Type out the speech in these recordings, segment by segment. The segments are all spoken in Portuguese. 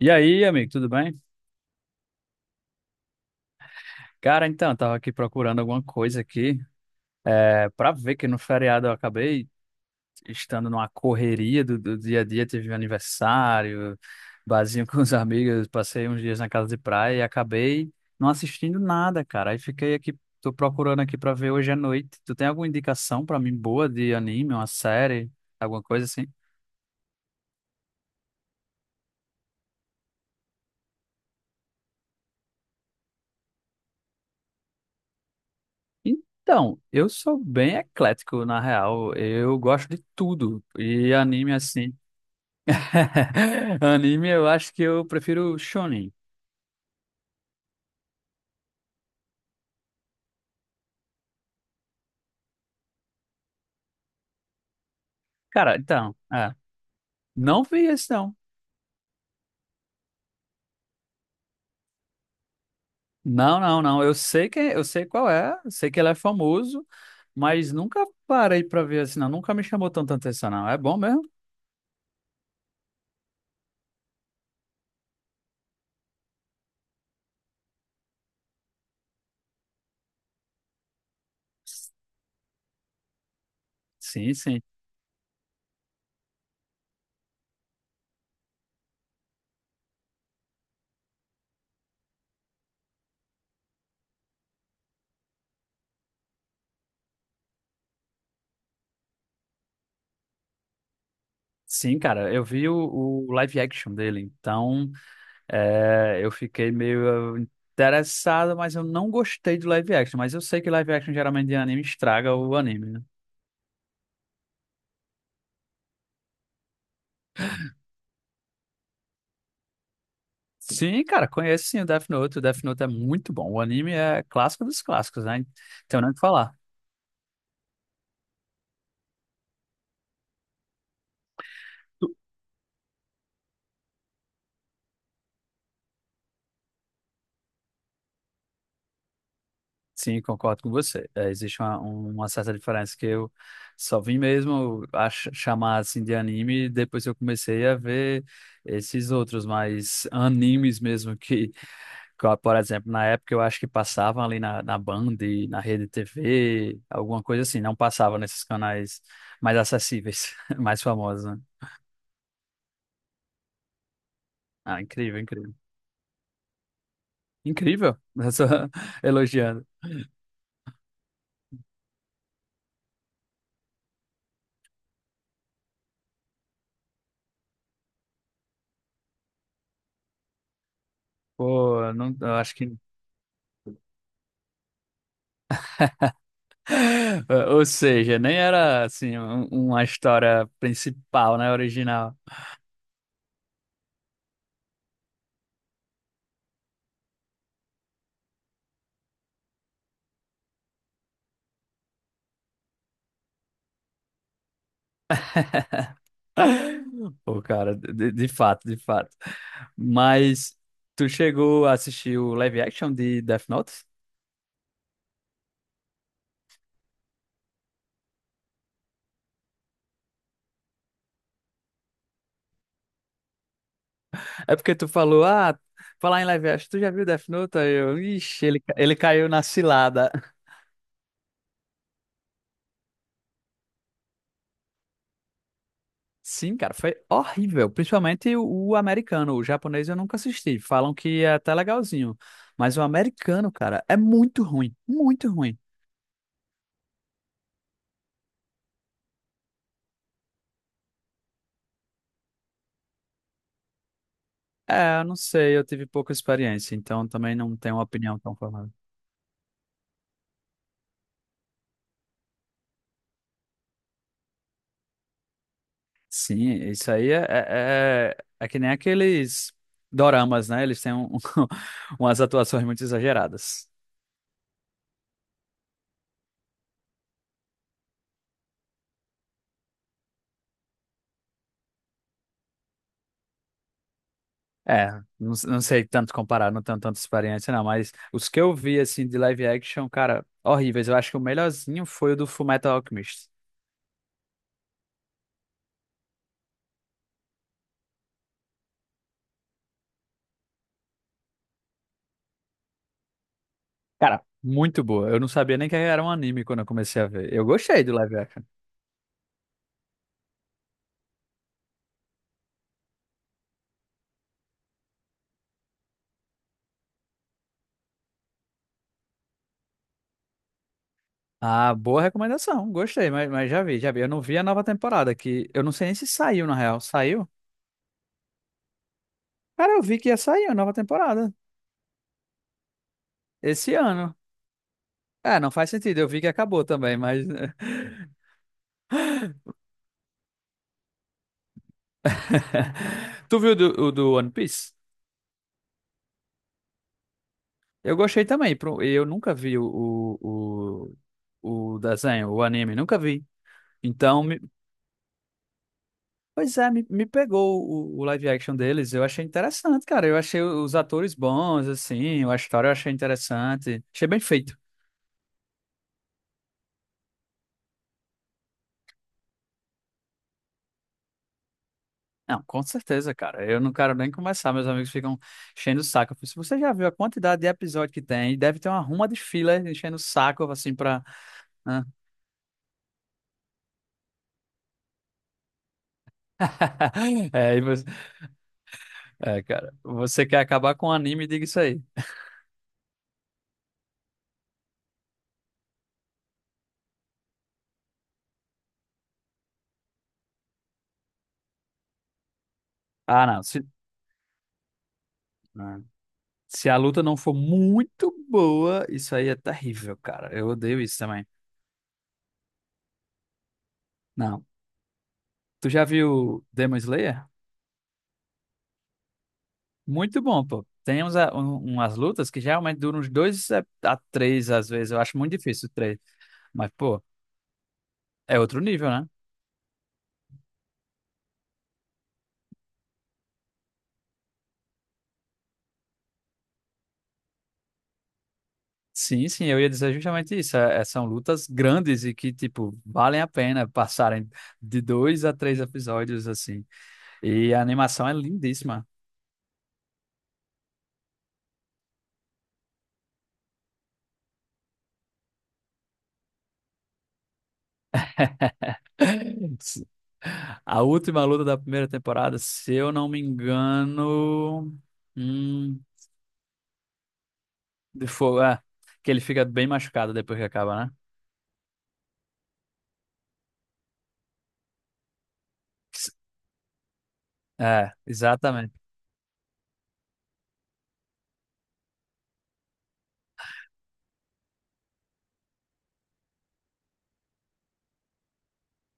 E aí, amigo, tudo bem? Cara, então, eu tava aqui procurando alguma coisa aqui, pra ver que no feriado eu acabei estando numa correria do dia a dia, teve um aniversário, barzinho com os amigos, passei uns dias na casa de praia e acabei não assistindo nada, cara. Aí fiquei aqui, tô procurando aqui pra ver hoje à noite. Tu tem alguma indicação pra mim boa de anime, uma série, alguma coisa assim? Então, eu sou bem eclético, na real. Eu gosto de tudo. E anime, assim. Anime, eu acho que eu prefiro shonen. Cara, então, não vi esse não. Não, não, não. Eu sei que, eu sei qual é, eu sei que ele é famoso, mas nunca parei pra ver assim, não. Nunca me chamou tanta atenção, não. É bom mesmo? Sim, sim. Sim, cara, eu vi o live action dele, então é, eu fiquei meio interessado, mas eu não gostei do live action. Mas eu sei que live action geralmente de anime estraga o anime, né? Sim, cara, conheço sim o Death Note. O Death Note é muito bom. O anime é clássico dos clássicos, né? Tem nem o que falar. Sim, concordo com você. É, existe uma certa diferença que eu só vim mesmo a chamar assim de anime depois que eu comecei a ver esses outros, mas animes mesmo que, por exemplo, na época eu acho que passavam ali na Band, na Rede TV, alguma coisa assim, não passava nesses canais mais acessíveis, mais famosos, né? Ah, incrível, incrível. Incrível, essa elogiando. Pô, não, eu acho que. Ou seja, nem era assim uma história principal, né? Original. Pô, cara, de fato, de fato. Mas tu chegou a assistir o live action de Death Note? É porque tu falou, ah, falar em live action, tu já viu Death Note? Aí eu, ixi, ele caiu na cilada. Sim, cara, foi horrível. Principalmente o americano. O japonês eu nunca assisti. Falam que é até legalzinho. Mas o americano, cara, é muito ruim. Muito ruim. É, eu não sei, eu tive pouca experiência, então também não tenho uma opinião tão formada. Sim, isso aí é que nem aqueles doramas, né? Eles têm umas atuações muito exageradas. É, não, não sei tanto comparar, não tenho tanta experiência não, mas os que eu vi, assim, de live action, cara, horríveis. Eu acho que o melhorzinho foi o do Fullmetal Alchemist. Cara, muito boa. Eu não sabia nem que era um anime quando eu comecei a ver. Eu gostei do live action. Ah, boa recomendação, gostei, mas já vi, já vi. Eu não vi a nova temporada, que eu não sei nem se saiu, na real. Saiu? Cara, eu vi que ia sair a nova temporada, esse ano. É, não faz sentido, eu vi que acabou também, mas... Tu viu do, o do One Piece? Eu gostei também. Pro- Eu nunca vi o, o desenho, o anime, nunca vi. Então, me- Pois é, me pegou o live action deles. Eu achei interessante, cara. Eu achei os atores bons, assim, a história eu achei interessante. Achei bem feito. Não, com certeza, cara. Eu não quero nem começar. Meus amigos ficam enchendo o saco. Eu falei, se você já viu a quantidade de episódio que tem, deve ter uma ruma de fila enchendo o saco, assim, pra. Hã? É, e você- É, cara, você quer acabar com o anime, diga isso aí. Ah, não. Se, né? Se a luta não for muito boa, isso aí é terrível, cara. Eu odeio isso também. Não. Tu já viu Demon Slayer? Muito bom, pô. Tem uns, umas lutas que geralmente duram uns dois a três, às vezes. Eu acho muito difícil três. Mas, pô, é outro nível, né? Sim, sim, eu ia dizer justamente isso. São lutas grandes e que, tipo, valem a pena passarem de dois a três episódios, assim. E a animação é lindíssima. A última luta da primeira temporada, se eu não me engano. Hum, de fogo. É, que ele fica bem machucado depois que acaba, né? É, exatamente.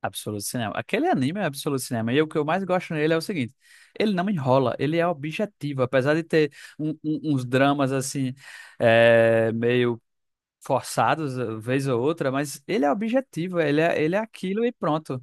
Absoluto Cinema. Aquele anime é Absoluto Cinema. E o que eu mais gosto nele é o seguinte: ele não enrola, ele é objetivo. Apesar de ter uns dramas assim, meio forçados, vez ou outra, mas ele é objetivo, ele é aquilo e pronto.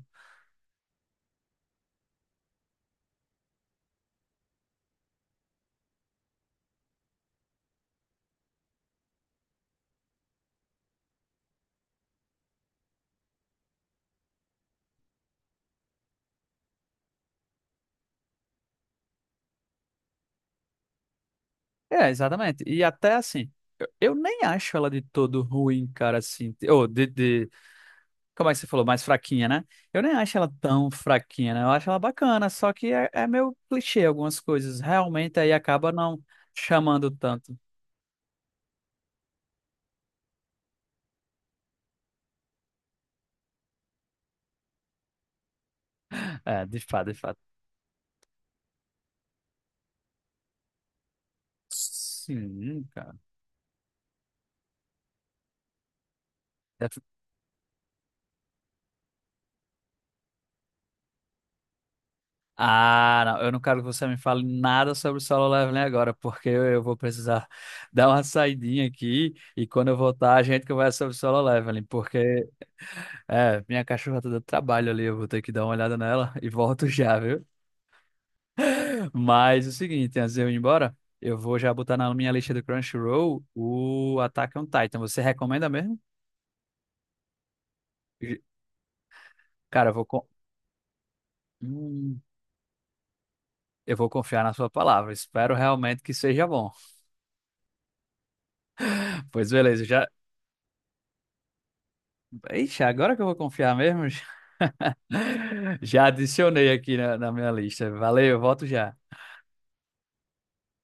É, exatamente. E até assim, eu nem acho ela de todo ruim, cara, assim. Ou como é que você falou? Mais fraquinha, né? Eu nem acho ela tão fraquinha, né? Eu acho ela bacana, só que é meio clichê algumas coisas. Realmente aí acaba não chamando tanto. É, de fato, de fato. Sim, cara. É tu- Ah, não, eu não quero que você me fale nada sobre o Solo Leveling agora, porque eu vou precisar dar uma saidinha aqui e quando eu voltar a gente conversa sobre o Solo Leveling, porque é, minha cachorra tá dando trabalho ali, eu vou ter que dar uma olhada nela e volto já, viu? Mas é o seguinte, antes de eu ir embora, eu vou já botar na minha lista do Crunchyroll o Attack on Titan. Você recomenda mesmo? E, cara, eu vou, con- hum, eu vou confiar na sua palavra. Espero realmente que seja bom. Pois beleza, já. Ixi, agora que eu vou confiar mesmo, já adicionei aqui na minha lista. Valeu, volto já.